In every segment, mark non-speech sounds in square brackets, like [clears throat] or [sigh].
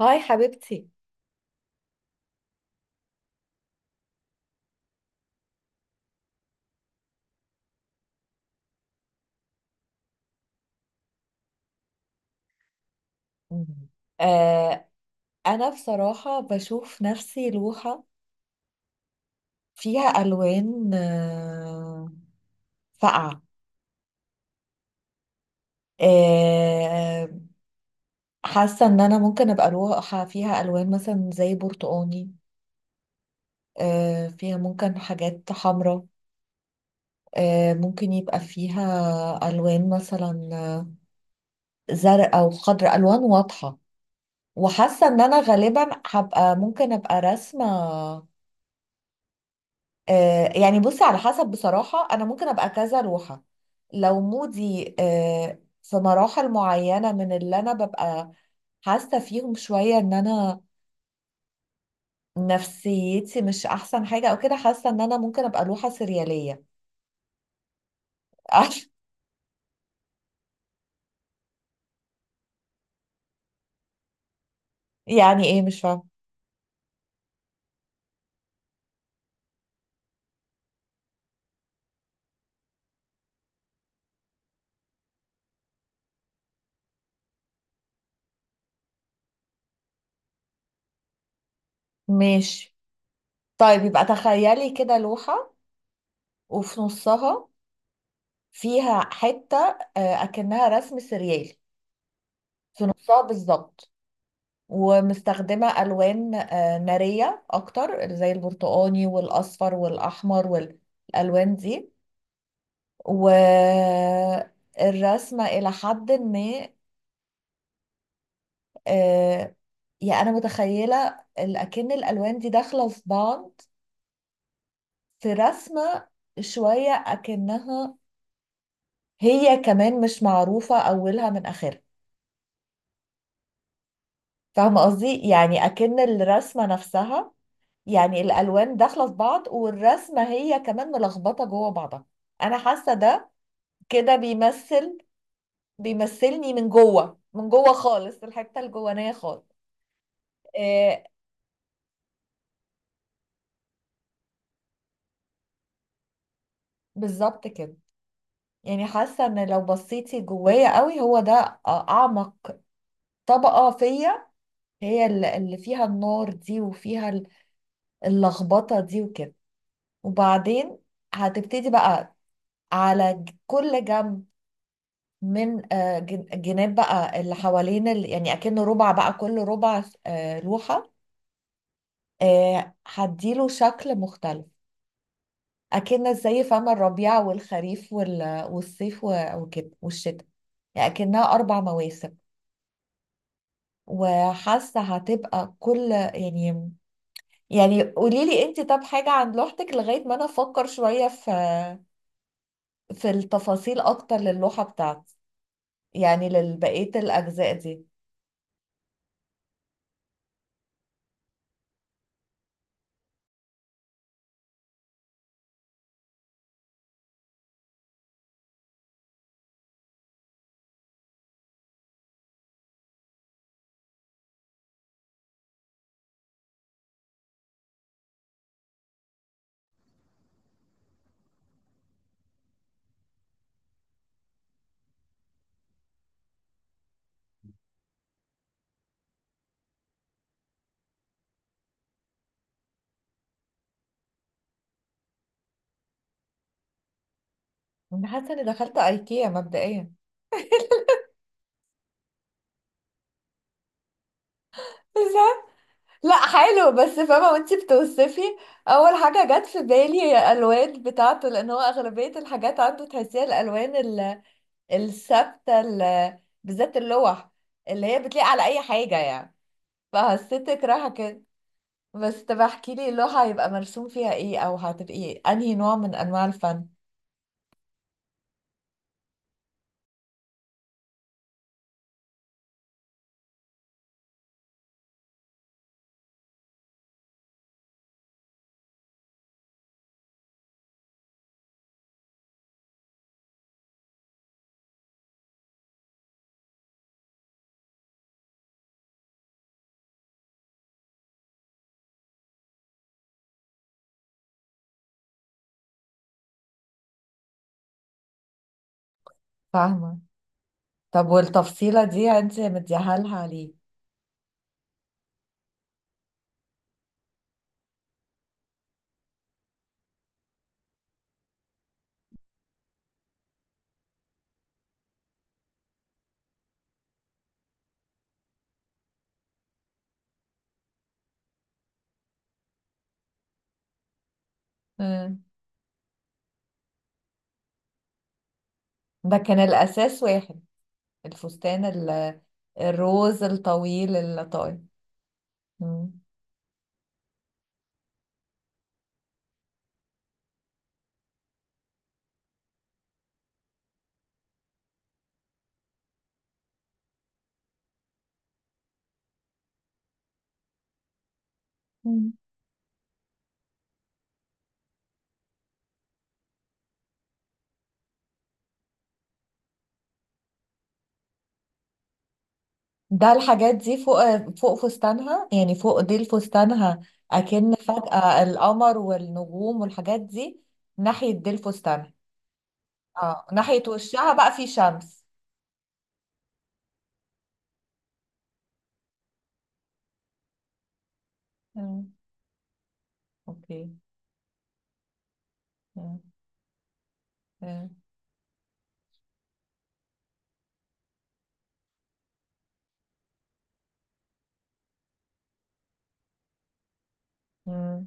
هاي حبيبتي. مم. آه أنا بصراحة بشوف نفسي لوحة فيها ألوان فاقعة. آه حاسة إن أنا ممكن أبقى لوحة فيها ألوان مثلا زي برتقاني. فيها ممكن حاجات حمراء. ممكن يبقى فيها ألوان مثلا زرقاء وخضراء، ألوان واضحة. وحاسة إن أنا غالبا هبقى ممكن أبقى راسمة. يعني بصي، على حسب، بصراحة أنا ممكن أبقى كذا روحة لو مودي، في مراحل معينة من اللي أنا ببقى حاسة فيهم شوية إن أنا نفسيتي مش أحسن حاجة أو كده، حاسة إن أنا ممكن أبقى روحة سريالية. [laughs] يعني إيه؟ مش فاهمة. ماشي. طيب يبقى تخيلي كده لوحة، وفي نصها فيها حتة أكنها رسم سريالي في نصها بالظبط، ومستخدمة ألوان نارية أكتر، زي البرتقاني والأصفر والأحمر والألوان دي، والرسمة إلى حد ما. آه، يعني أنا متخيلة أكن الألوان دي داخلة في بعض، في رسمة شوية أكنها هي كمان مش معروفة أولها من آخرها. فاهمة قصدي؟ يعني أكن الرسمة نفسها، يعني الالوان داخله في بعض، والرسمه هي كمان ملخبطه جوه بعضها. انا حاسه ده كده بيمثلني من جوه، من جوه خالص، الحته الجوانيه خالص. آه بالظبط كده. يعني حاسه ان لو بصيتي جوايا قوي هو ده، اعمق طبقه فيا، هي اللي فيها النار دي وفيها اللخبطه دي وكده. وبعدين هتبتدي بقى على كل جنب، من جناب بقى، اللي حوالين يعني اكنه ربع بقى، كل ربع لوحة، هديله شكل مختلف، اكن زي فم الربيع والخريف والصيف وكده والشتاء، يعني اكنها اربع مواسم. وحاسة هتبقى كل، يعني قولي لي انت طب حاجة عن لوحتك، لغاية ما انا افكر شوية في التفاصيل اكتر للوحة بتاعتي، يعني لبقية الاجزاء دي. أنا حاسة اني دخلت ايكيا مبدئيا. بالظبط. لا، حلو، بس فاهمة وانتي بتوصفي. أول حاجة جت في بالي هي الألوان بتاعته، لأن هو أغلبية الحاجات عنده تحسيها الألوان الثابتة، بالذات اللوح اللي هي بتليق على أي حاجة يعني. فحسيتك رايحة كده. بس طب احكي لي، اللوحة هيبقى مرسوم فيها ايه، أو هتبقي أنهي نوع من أنواع الفن؟ فاهمة. طب والتفصيلة دي انتي مديها لها ليه؟ مم. ده كان الأساس، واحد الفستان الروز الطويل اللطائف. مم. مم. ده الحاجات دي فوق فستانها، يعني فوق ديل فستانها. أكن فجأة القمر والنجوم والحاجات دي ناحية ديل فستانها. اه، ناحية وشها بقى في شمس. مم. اوكي. مم. مم. مم.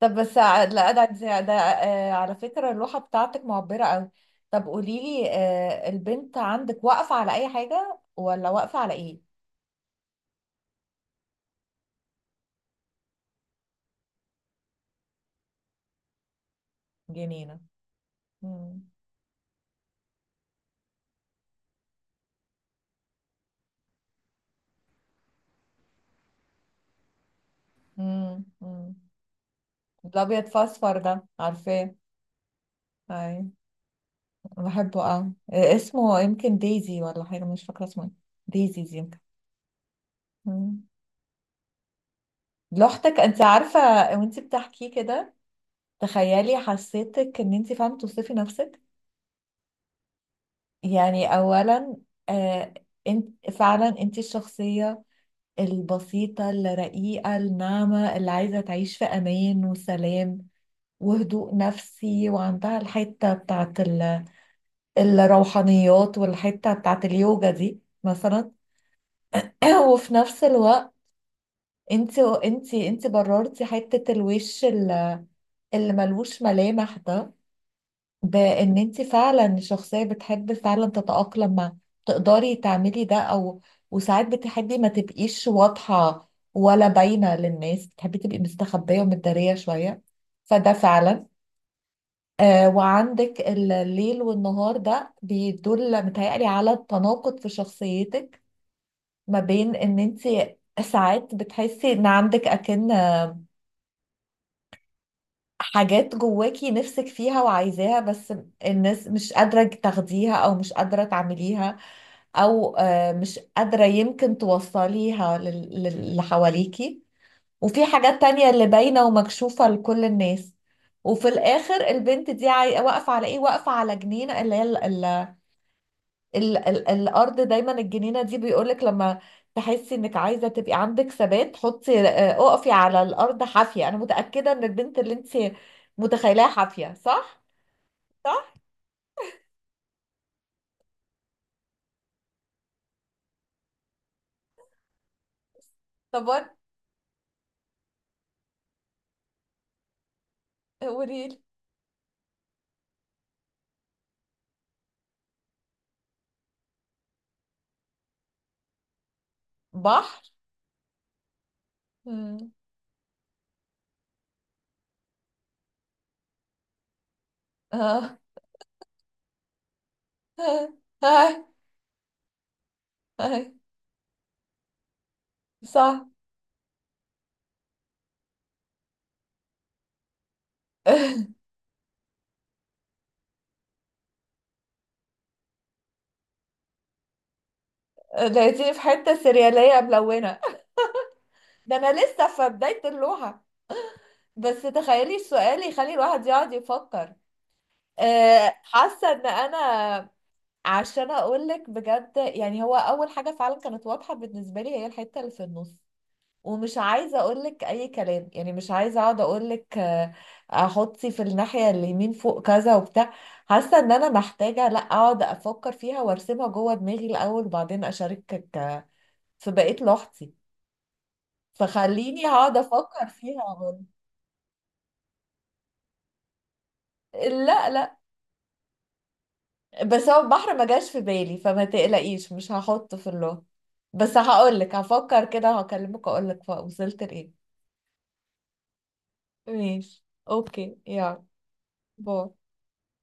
طب بس لا، ده، على فكرة اللوحة بتاعتك معبرة قوي. طب قولي لي، البنت عندك واقفة على أي حاجة، ولا واقفة على إيه؟ جنينة. مم. مم. مم. الأبيض في أصفر ده عارفاه؟ أي، بحبه أوي. اسمه يمكن دايزي ولا حاجة، مش فاكرة اسمه إيه. دايزيز يمكن. مم. لوحدك أنت عارفة، وأنت بتحكيه كده، تخيلي حسيتك إن أنت فاهمة توصفي نفسك. يعني أولا، آه انت فعلا، انت الشخصية البسيطة الرقيقة الناعمة، اللي عايزة تعيش في أمان وسلام وهدوء نفسي، وعندها الحتة بتاعت الروحانيات، والحتة بتاعت اليوجا دي مثلا. [clears throat] وفي نفس الوقت، انت بررتي حتة الوش اللي ملوش ملامح ده، بان انت فعلا شخصية بتحب فعلا تتأقلم مع، تقدري تعملي ده، او، وساعات بتحبي ما تبقيش واضحة ولا باينة للناس، بتحبي تبقي مستخبية ومتدارية شوية. فده فعلا. وعندك الليل والنهار ده بيدل، متهيألي، على التناقض في شخصيتك، ما بين ان انت ساعات بتحسي ان عندك اكن حاجات جواكي نفسك فيها وعايزاها، بس الناس مش قادرة تاخديها، او مش قادرة تعمليها، او مش قادرة يمكن توصليها اللي حواليكي، وفي حاجات تانية اللي باينة ومكشوفة لكل الناس. وفي الاخر البنت دي واقفة على ايه؟ واقفة على جنين اللي هي ال ال الارض، دايما الجنينه دي بيقولك لما تحسي انك عايزه تبقي عندك ثبات، حطي، اقفي على الارض حافيه. انا متاكده ان البنت اللي انت متخيلاها حافيه، صح؟ صح. طب وريلي. بحر؟ مم. اه. [laughs] هاي، هاي. صح. [laughs] لقيتيني في حته سرياليه ملونه. [laughs] ده انا لسه في بدايه اللوحه، بس تخيلي السؤال يخلي الواحد يقعد يفكر. حاسه ان انا، عشان اقول لك بجد يعني، هو اول حاجه فعلا كانت واضحه بالنسبه لي هي الحته اللي في النص، ومش عايزه اقول لك اي كلام، يعني مش عايزه اقعد اقول لك احطي في الناحيه اليمين فوق كذا وبتاع. حاسه ان انا محتاجه لا اقعد افكر فيها وارسمها جوه دماغي الاول، وبعدين اشاركك في بقيه لوحتي، فخليني هقعد افكر فيها. لا لا، بس هو البحر ما جاش في بالي، فما تقلقيش مش هحطه في اللون. بس هقولك، هفكر كده هكلمك اقولك وصلت لايه. ماشي. اوكي. يلا. باي.